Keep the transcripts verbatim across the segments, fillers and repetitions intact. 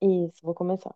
Isso, vou começar.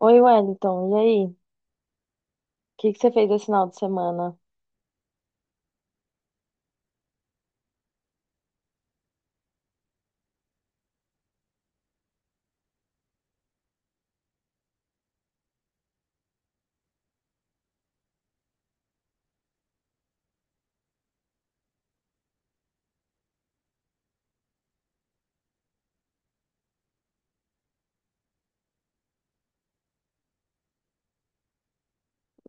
Oi, Wellington, e aí? O que que você fez esse final de semana?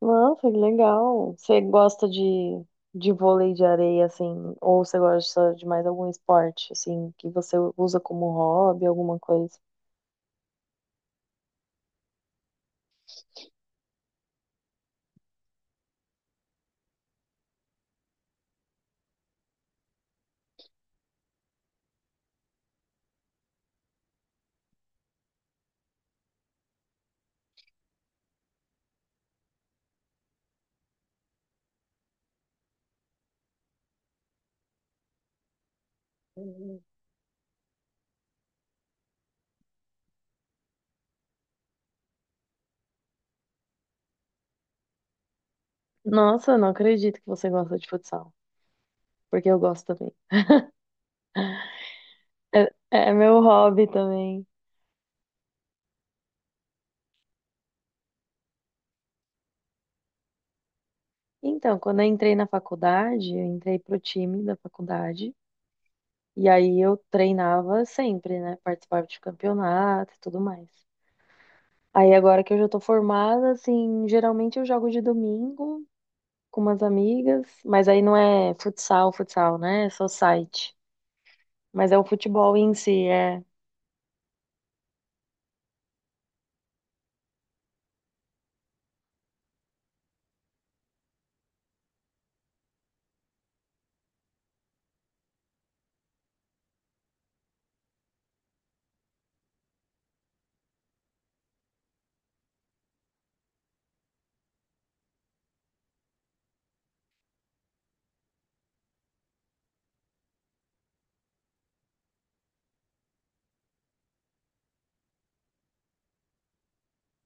Nossa, que legal. Você gosta de, de vôlei de areia, assim, ou você gosta de mais algum esporte, assim, que você usa como hobby, alguma coisa? Uhum. Nossa, não acredito que você gosta de futsal, porque eu gosto também. É, é meu hobby também. Então, quando eu entrei na faculdade, eu entrei pro time da faculdade, e aí eu treinava sempre, né? Participava de campeonato e tudo mais. Aí agora que eu já tô formada, assim, geralmente eu jogo de domingo com umas amigas, mas aí não é futsal, futsal, né? É só site. Mas é o futebol em si, é.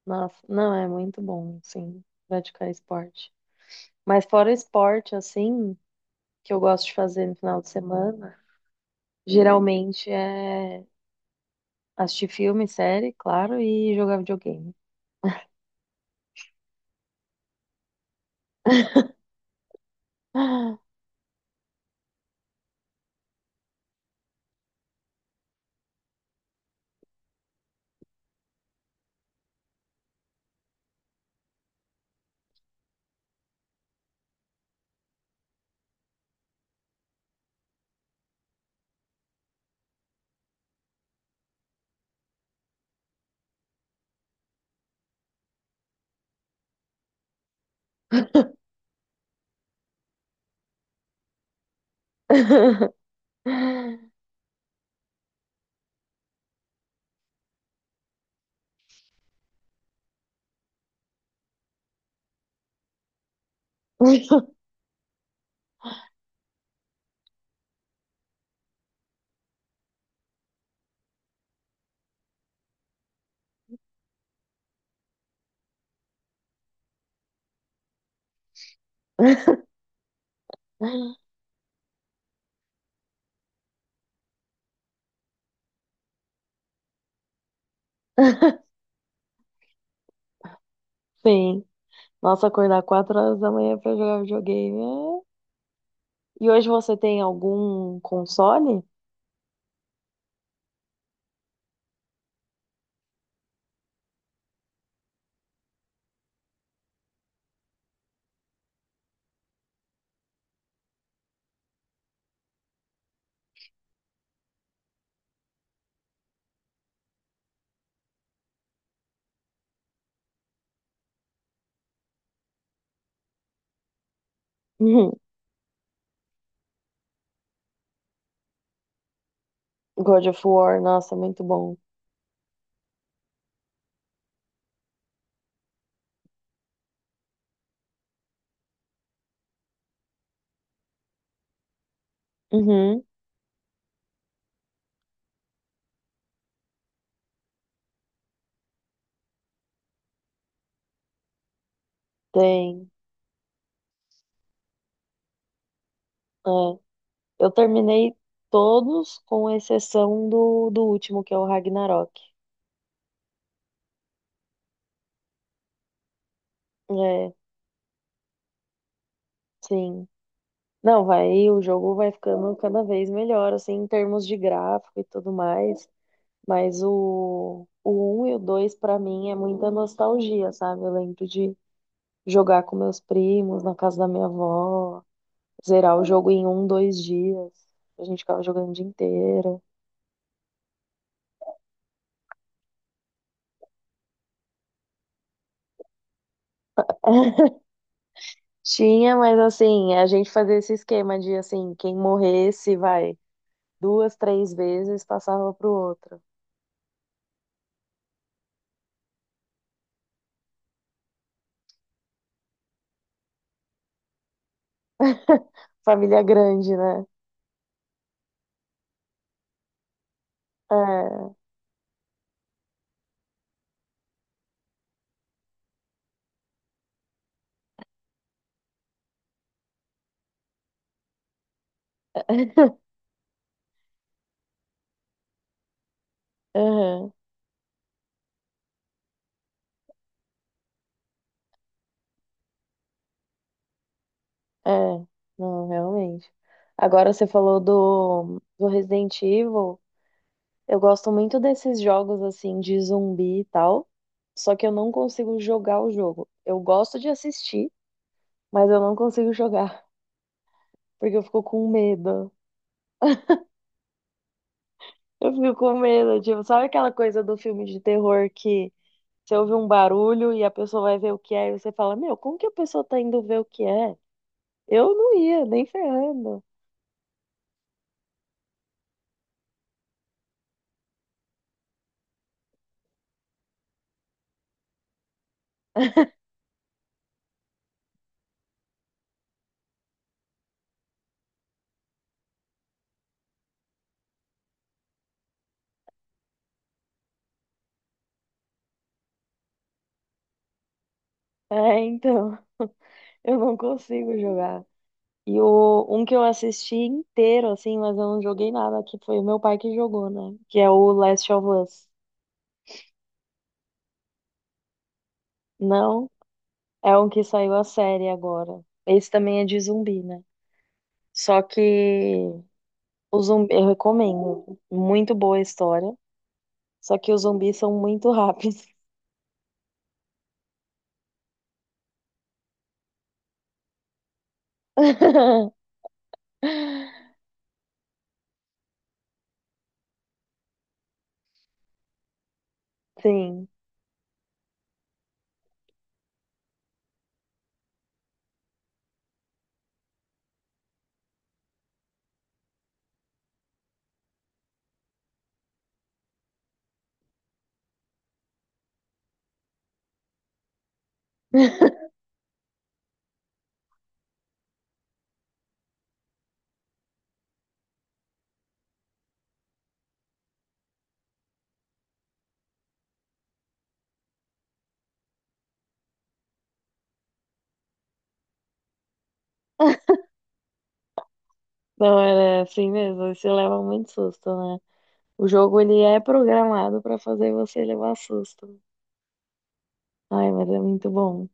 Nossa, não, é muito bom, assim, praticar esporte. Mas fora esporte, assim, que eu gosto de fazer no final de semana, geralmente é assistir filme, série, claro, e jogar videogame. Sim. Nossa, acordar quatro horas da manhã pra jogar videogame. É. E hoje você tem algum console? Uhum. God of War, nossa, é muito bom. Uhum, tem. É. Eu terminei todos, com exceção do, do último, que é o Ragnarok. É, sim. Não, vai, o jogo vai ficando cada vez melhor, assim, em termos de gráfico e tudo mais. Mas o, o um e o dois, pra mim, é muita nostalgia, sabe? Eu lembro de jogar com meus primos na casa da minha avó, zerar o jogo em um, dois dias. A gente ficava jogando o dia inteiro. Tinha, mas assim, a gente fazia esse esquema de assim, quem morresse, vai, duas, três vezes passava pro outro. Família grande, né? É, aham, é, não, realmente. Agora você falou do, do Resident Evil. Eu gosto muito desses jogos assim de zumbi e tal, só que eu não consigo jogar o jogo. Eu gosto de assistir, mas eu não consigo jogar, porque eu fico com medo. Eu fico com medo, tipo, sabe aquela coisa do filme de terror que você ouve um barulho e a pessoa vai ver o que é, e você fala, meu, como que a pessoa tá indo ver o que é? Eu não ia, nem ferrando. É, então, eu não consigo jogar. E o, um que eu assisti inteiro, assim, mas eu não joguei nada, que foi o meu pai que jogou, né? Que é o Last of Us. Não, é um que saiu a série agora. Esse também é de zumbi, né? Só que o zumbi, eu recomendo. Muito boa a história. Só que os zumbis são muito rápidos. Sim. Não, era assim mesmo. Você leva muito susto, né? O jogo, ele é programado pra fazer você levar susto. Ai, mas é muito bom.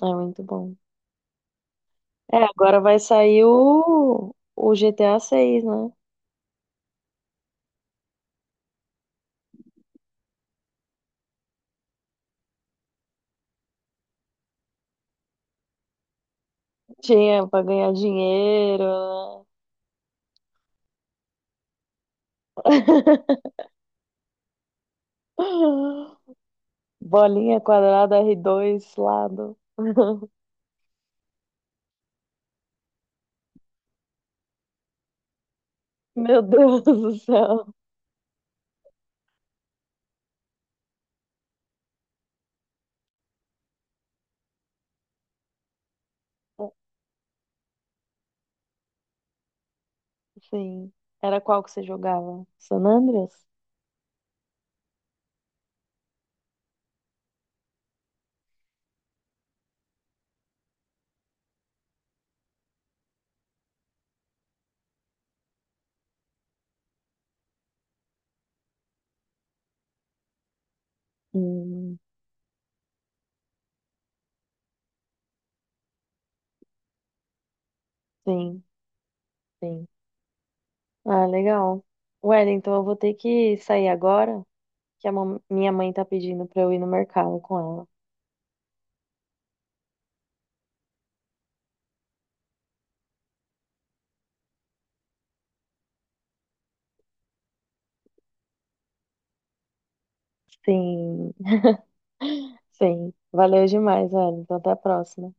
É muito bom. É, agora vai sair o, o G T A seis, né? Tinha pra ganhar dinheiro, né? Bolinha, quadrada, r dois, lado. Meu Deus do céu. Sim. Era qual que você jogava? San Andreas? Hum, sim, sim. Ah, legal. Wellington, eu vou ter que sair agora, que a mam- minha mãe tá pedindo pra eu ir no mercado com ela. Sim. Sim, valeu demais, velho. Então até a próxima.